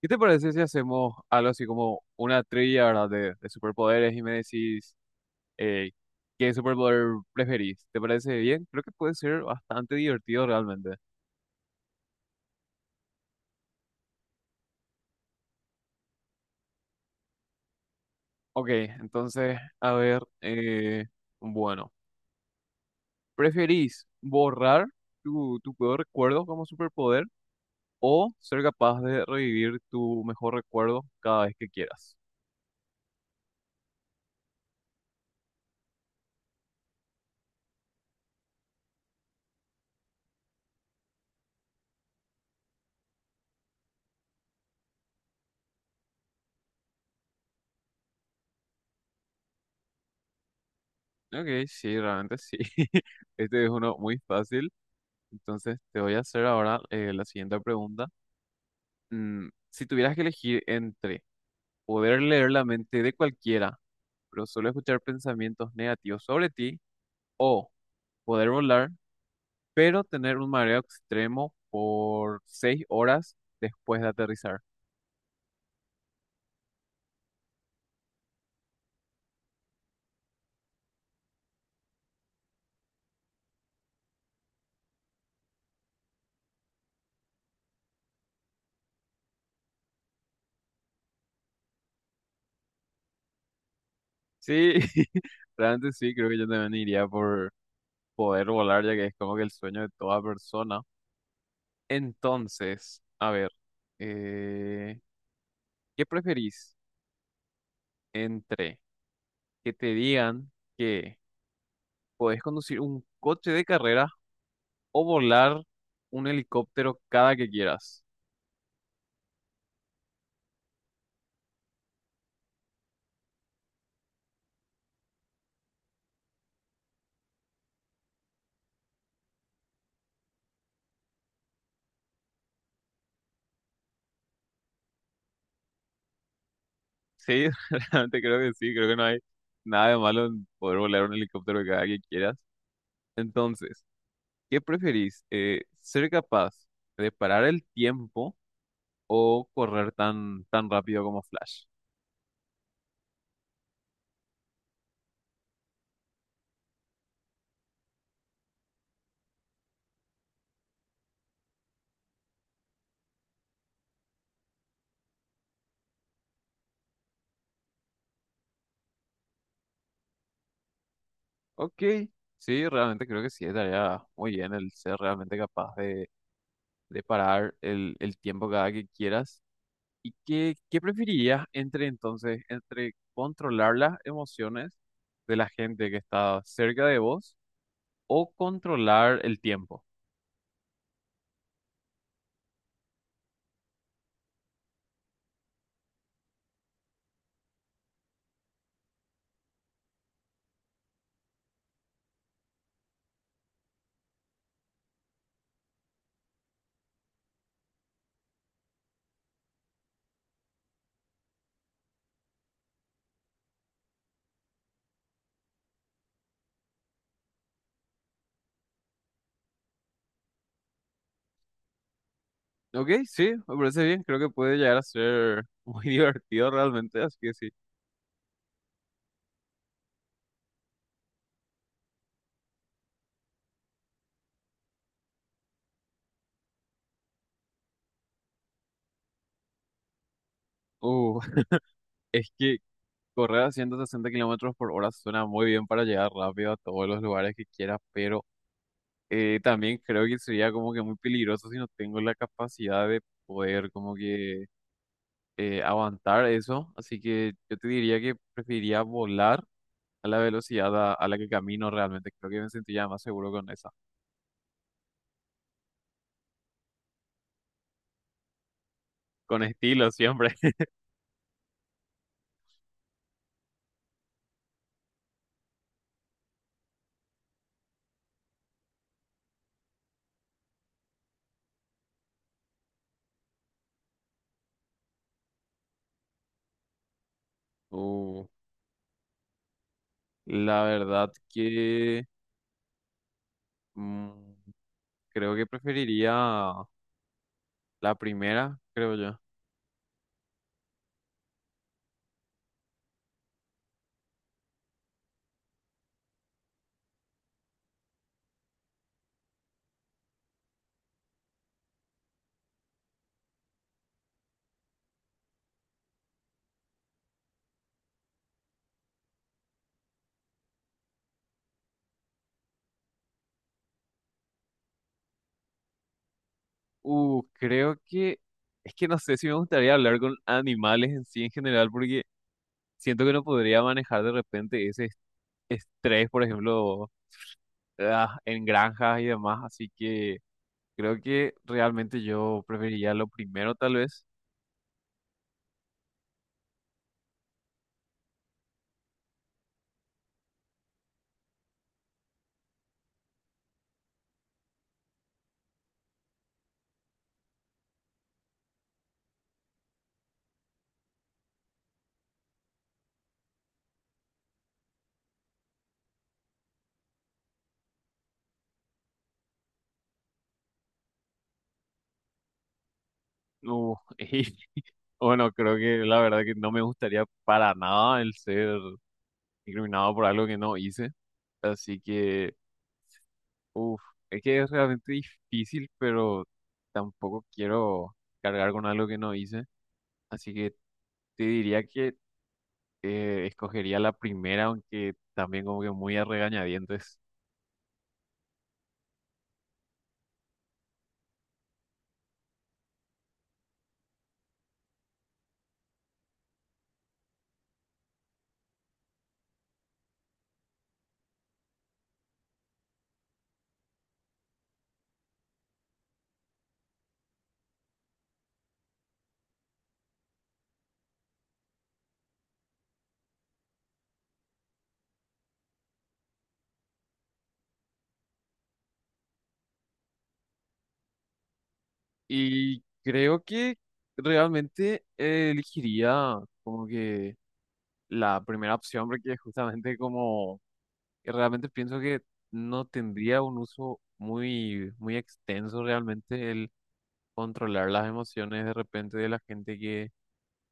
¿Qué te parece si hacemos algo así como una trivia, ¿verdad? De superpoderes y me decís eh, qué superpoder preferís. ¿Te parece bien? Creo que puede ser bastante divertido realmente. Ok, entonces, a ver, bueno, ¿preferís borrar tu peor recuerdo como superpoder o ser capaz de revivir tu mejor recuerdo cada vez que quieras? Ok, sí, realmente sí. Este es uno muy fácil. Entonces, te voy a hacer ahora la siguiente pregunta. Si tuvieras que elegir entre poder leer la mente de cualquiera, pero solo escuchar pensamientos negativos sobre ti, o poder volar, pero tener un mareo extremo por seis horas después de aterrizar. Sí, realmente sí, creo que yo también iría por poder volar, ya que es como que el sueño de toda persona. Entonces, a ver, eh, ¿qué preferís entre que te digan que podés conducir un coche de carreras o volar un helicóptero cada que quieras? Sí, realmente creo que sí, creo que no hay nada de malo en poder volar un helicóptero cada que quieras. Entonces, ¿qué preferís? ¿Ser capaz de parar el tiempo o correr tan rápido como Flash? Ok, sí, realmente creo que sí, estaría muy bien el ser realmente capaz de parar el tiempo cada que quieras. ¿Y qué preferirías entre entonces, entre controlar las emociones de la gente que está cerca de vos o controlar el tiempo? Ok, sí, me parece bien, creo que puede llegar a ser muy divertido realmente, así que sí. Uh, es que correr a 160 kilómetros por hora suena muy bien para llegar rápido a todos los lugares que quieras, pero también creo que sería como que muy peligroso si no tengo la capacidad de poder como que aguantar eso, así que yo te diría que preferiría volar a la velocidad a la que camino realmente. Creo que me sentiría más seguro con esa, con estilo siempre. Uh, la verdad que mm, creo que preferiría la primera, creo yo. Creo que es que no sé si me gustaría hablar con animales en sí en general, porque siento que no podría manejar de repente estrés, por ejemplo, ah, en granjas y demás, así que creo que realmente yo preferiría lo primero, tal vez. Uh, y bueno, creo que la verdad que no me gustaría para nada el ser incriminado por algo que no hice. Así que, uff, es que es realmente difícil, pero tampoco quiero cargar con algo que no hice. Así que te diría que escogería la primera, aunque también como que muy a regañadientes. Y creo que realmente elegiría como que la primera opción porque justamente como y realmente pienso que no tendría un uso muy extenso realmente el controlar las emociones de repente de la gente que,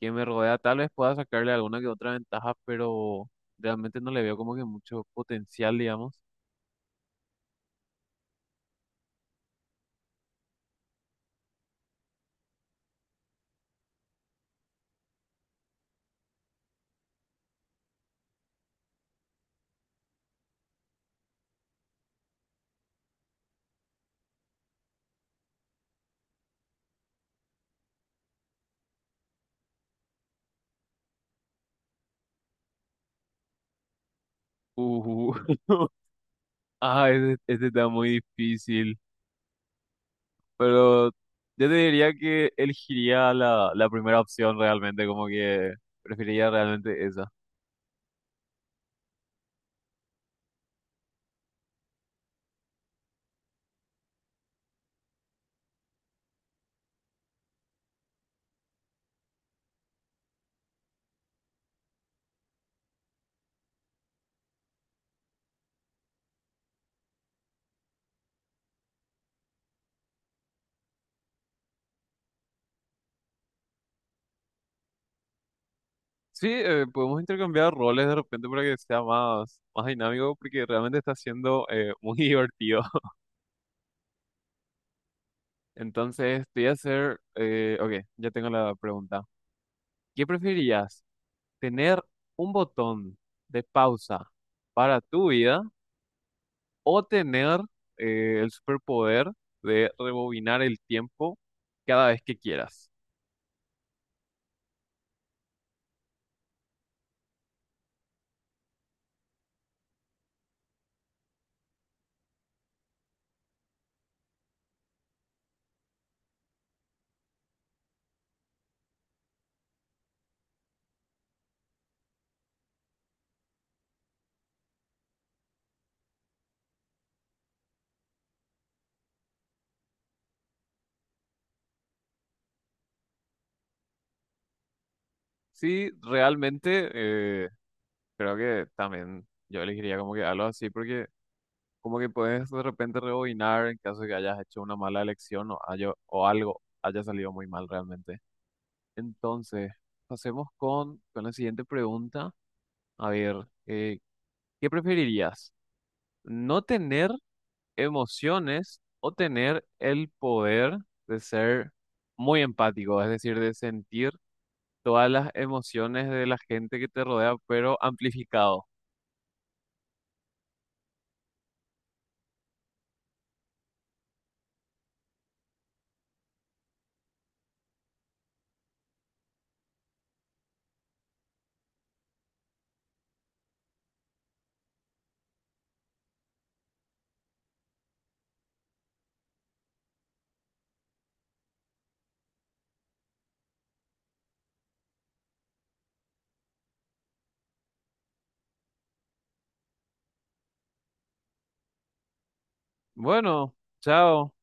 que me rodea. Tal vez pueda sacarle alguna que otra ventaja, pero realmente no le veo como que mucho potencial, digamos. Uh, Ah, este está muy difícil, pero yo te diría que elegiría la primera opción realmente, como que preferiría realmente esa. Sí, podemos intercambiar roles de repente para que sea más dinámico, porque realmente está siendo muy divertido. Entonces, te voy a hacer, ok, ya tengo la pregunta. ¿Qué preferirías? ¿Tener un botón de pausa para tu vida o tener el superpoder de rebobinar el tiempo cada vez que quieras? Sí, realmente creo que también yo elegiría como que algo así, porque como que puedes de repente rebobinar en caso de que hayas hecho una mala elección o, o algo haya salido muy mal realmente. Entonces, pasemos con la siguiente pregunta. A ver, eh, ¿qué preferirías? ¿No tener emociones o tener el poder de ser muy empático? Es decir, de sentir todas las emociones de la gente que te rodea, pero amplificado. Bueno, chao.